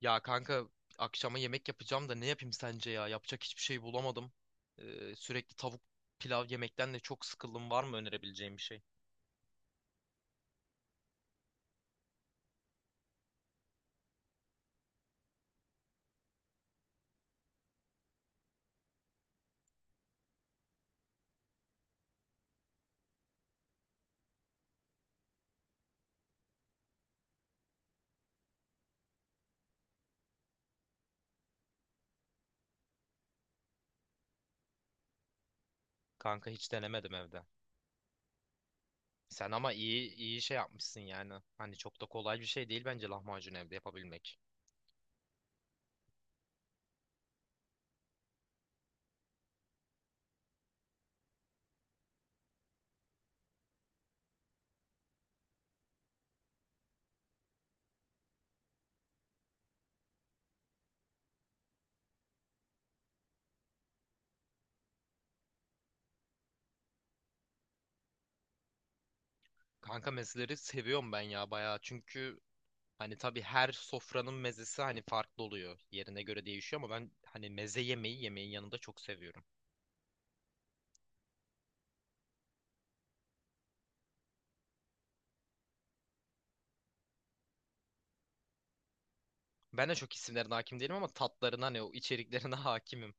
Ya kanka, akşama yemek yapacağım da ne yapayım sence ya? Yapacak hiçbir şey bulamadım. Sürekli tavuk pilav yemekten de çok sıkıldım. Var mı önerebileceğim bir şey? Kanka hiç denemedim evde. Sen ama iyi şey yapmışsın yani. Hani çok da kolay bir şey değil bence lahmacun evde yapabilmek. Kanka mezeleri seviyorum ben ya bayağı. Çünkü hani tabii her sofranın mezesi hani farklı oluyor. Yerine göre değişiyor ama ben hani meze yemeği yemeğin yanında çok seviyorum. Ben de çok isimlerine hakim değilim ama tatlarına hani o içeriklerine hakimim.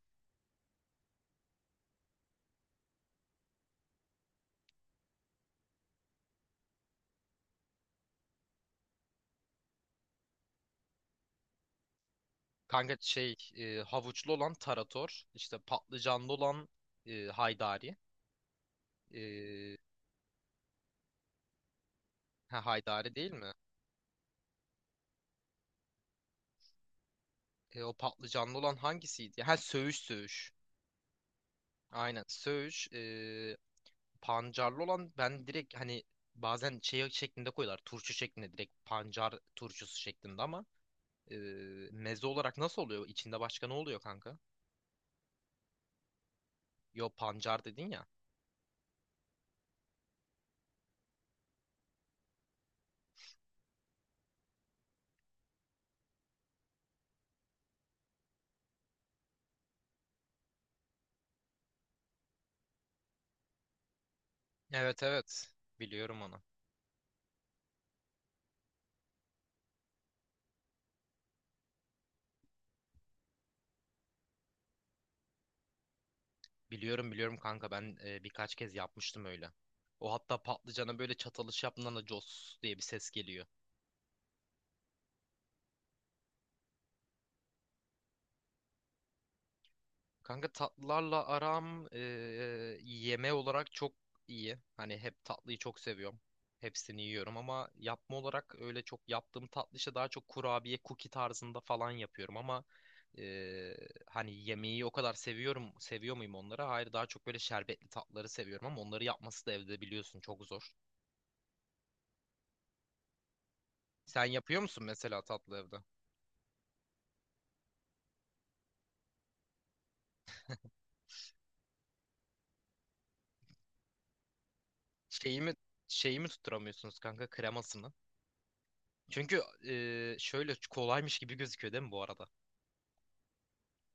Kanka şey havuçlu olan tarator, işte patlıcanlı olan haydari. E, ha, haydari değil mi? O patlıcanlı olan hangisiydi? Ha, söğüş söğüş. Aynen söğüş. Pancarlı olan ben direkt hani bazen şey şeklinde koyuyorlar. Turşu şeklinde, direkt pancar turşusu şeklinde ama e, meze olarak nasıl oluyor? İçinde başka ne oluyor kanka? Yo, pancar dedin ya. Evet, evet, biliyorum onu. Biliyorum, biliyorum kanka, ben birkaç kez yapmıştım öyle. O hatta patlıcana böyle çatalış yaptığında da cos diye bir ses geliyor. Kanka tatlılarla aram yeme olarak çok iyi. Hani hep tatlıyı çok seviyorum. Hepsini yiyorum ama yapma olarak öyle çok yaptığım tatlı işte daha çok kurabiye, cookie tarzında falan yapıyorum ama e, hani yemeği o kadar seviyorum. Seviyor muyum onları? Hayır, daha çok böyle şerbetli tatlıları seviyorum ama onları yapması da evde biliyorsun çok zor. Sen yapıyor musun mesela tatlı evde? Şeyi mi, şeyi mi tutturamıyorsunuz kanka, kremasını? Çünkü şöyle kolaymış gibi gözüküyor değil mi bu arada?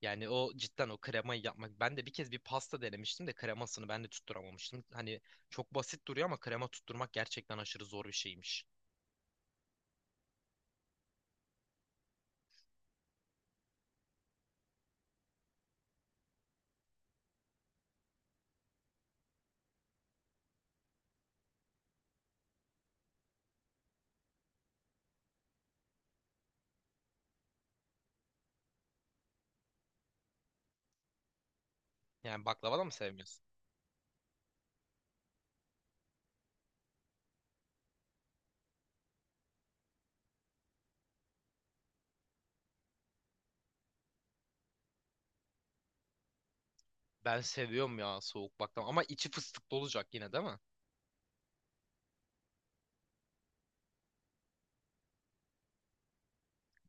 Yani o cidden o kremayı yapmak. Ben de bir kez bir pasta denemiştim de kremasını ben de tutturamamıştım. Hani çok basit duruyor ama krema tutturmak gerçekten aşırı zor bir şeymiş. Yani baklava da mı sevmiyorsun? Ben seviyorum ya soğuk baklava, ama içi fıstıklı olacak yine değil mi?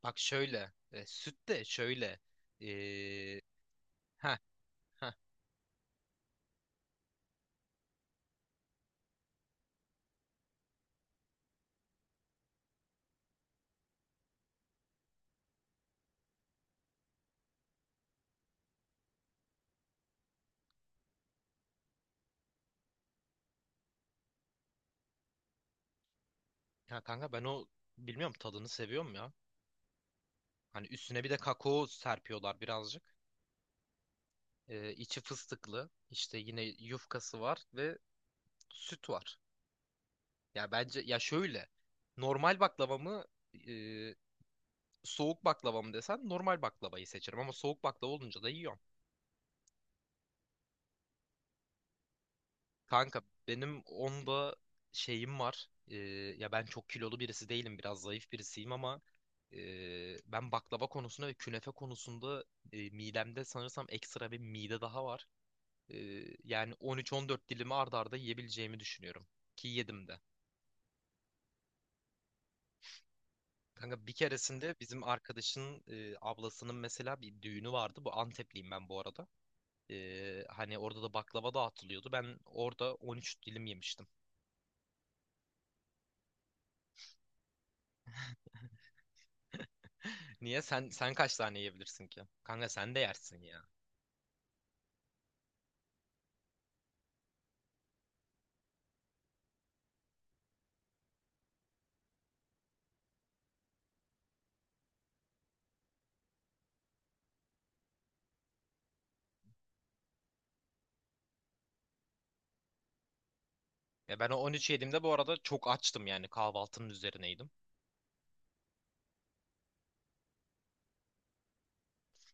Bak şöyle, süt de şöyle. E, heh, heh. Ya kanka, ben o bilmiyorum, tadını seviyorum ya. Hani üstüne bir de kakao serpiyorlar birazcık. İçi fıstıklı. İşte yine yufkası var ve süt var. Ya bence ya şöyle, normal baklava mı e, soğuk baklava mı desen, normal baklavayı seçerim ama soğuk baklava olunca da yiyorum. Kanka benim onda şeyim var. Ya ben çok kilolu birisi değilim, biraz zayıf birisiyim ama e, ben baklava konusunda ve künefe konusunda midemde sanırsam ekstra bir mide daha var. Ee, Yani 13-14 dilimi arda arda yiyebileceğimi düşünüyorum. Ki yedim de. Kanka bir keresinde bizim arkadaşın ablasının mesela bir düğünü vardı. Bu, Antepliyim ben bu arada. Hani orada da baklava dağıtılıyordu. Ben orada 13 dilim yemiştim. Niye? Sen kaç tane yiyebilirsin ki? Kanka sen de yersin ya. Ya ben o 13 yediğimde bu arada çok açtım, yani kahvaltının üzerineydim.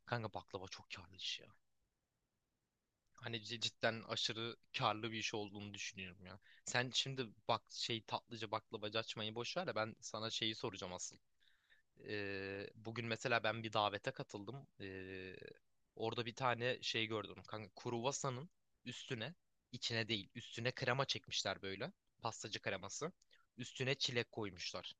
Kanka baklava çok karlı iş ya. Hani cidden aşırı karlı bir iş olduğunu düşünüyorum ya. Sen şimdi bak, şey tatlıcı baklavacı açmayı boş ver de ben sana şeyi soracağım asıl. Bugün mesela ben bir davete katıldım. Orada bir tane şey gördüm. Kanka kruvasanın üstüne, içine değil üstüne krema çekmişler böyle. Pastacı kreması. Üstüne çilek koymuşlar.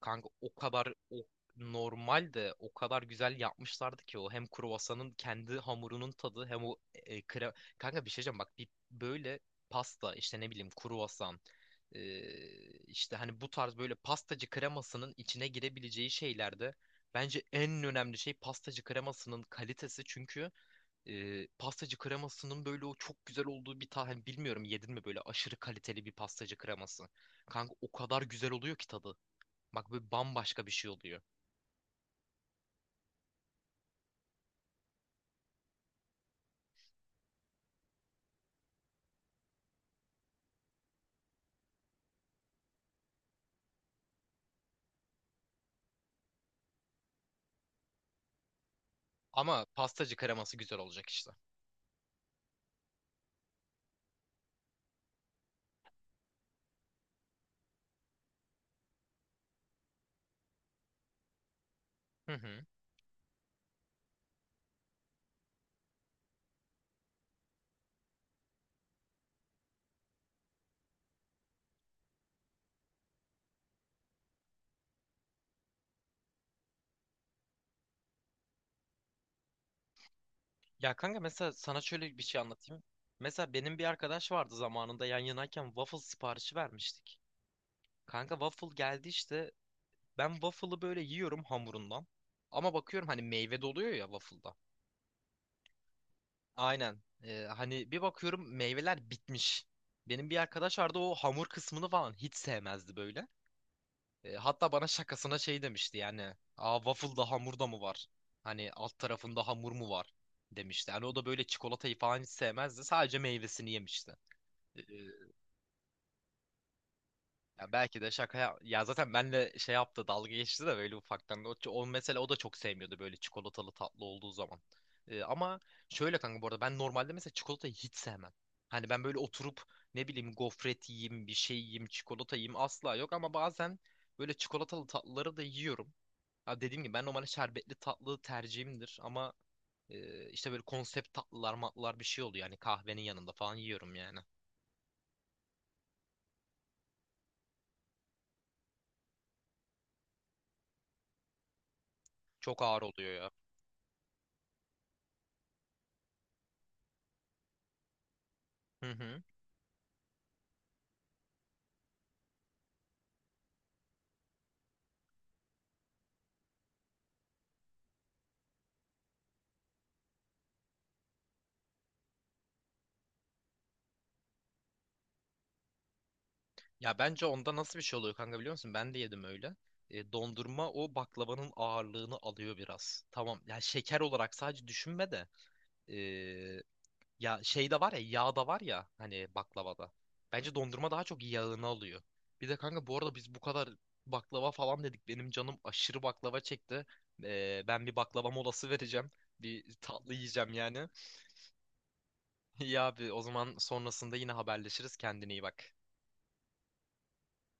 Kanka o kadar o normal de o kadar güzel yapmışlardı ki o, hem kruvasanın kendi hamurunun tadı hem o kanka bir şey diyeceğim, bak bir böyle pasta, işte ne bileyim, kruvasan, e, işte hani bu tarz böyle pastacı kremasının içine girebileceği şeylerde bence en önemli şey pastacı kremasının kalitesi, çünkü pastacı kremasının böyle o çok güzel olduğu bir tane bilmiyorum yedin mi, böyle aşırı kaliteli bir pastacı kreması, kanka o kadar güzel oluyor ki tadı. Bak bu bambaşka bir şey oluyor. Ama pastacı kreması güzel olacak işte. Hı hı. Ya kanka, mesela sana şöyle bir şey anlatayım. Mesela benim bir arkadaş vardı, zamanında yan yanayken waffle siparişi vermiştik. Kanka waffle geldi işte. Ben waffle'ı böyle yiyorum hamurundan. Ama bakıyorum hani meyve doluyor ya waffle'da. Aynen. Hani bir bakıyorum meyveler bitmiş. Benim bir arkadaş vardı, o hamur kısmını falan hiç sevmezdi böyle. E, hatta bana şakasına şey demişti yani. Aa, waffle'da hamur da mı var? Hani alt tarafında hamur mu var? Demişti. Yani o da böyle çikolatayı falan hiç sevmezdi. Sadece meyvesini yemişti. E, Ya belki de şaka ya, ya zaten benle şey yaptı, dalga geçti de böyle ufaktan. O mesela o da çok sevmiyordu böyle çikolatalı tatlı olduğu zaman. E, ama şöyle kanka, bu arada ben normalde mesela çikolatayı hiç sevmem. Hani ben böyle oturup ne bileyim gofret yiyeyim, bir şey yiyeyim, çikolata yiyeyim asla yok, ama bazen böyle çikolatalı tatlıları da yiyorum. Abi dediğim gibi ben normalde şerbetli tatlı tercihimdir ama işte böyle konsept tatlılar matlılar bir şey oluyor. Yani kahvenin yanında falan yiyorum yani. Çok ağır oluyor ya. Hı hı. Ya bence onda nasıl bir şey oluyor kanka biliyor musun? Ben de yedim öyle. E, dondurma o baklavanın ağırlığını alıyor biraz. Tamam. Ya şeker olarak sadece düşünme de. Ya şeyde var, ya yağda var ya, hani baklavada. Bence dondurma daha çok yağını alıyor. Bir de kanka bu arada biz bu kadar baklava falan dedik. Benim canım aşırı baklava çekti. Ben bir baklava molası vereceğim. Bir tatlı yiyeceğim yani. İyi abi, o zaman sonrasında yine haberleşiriz. Kendine iyi bak.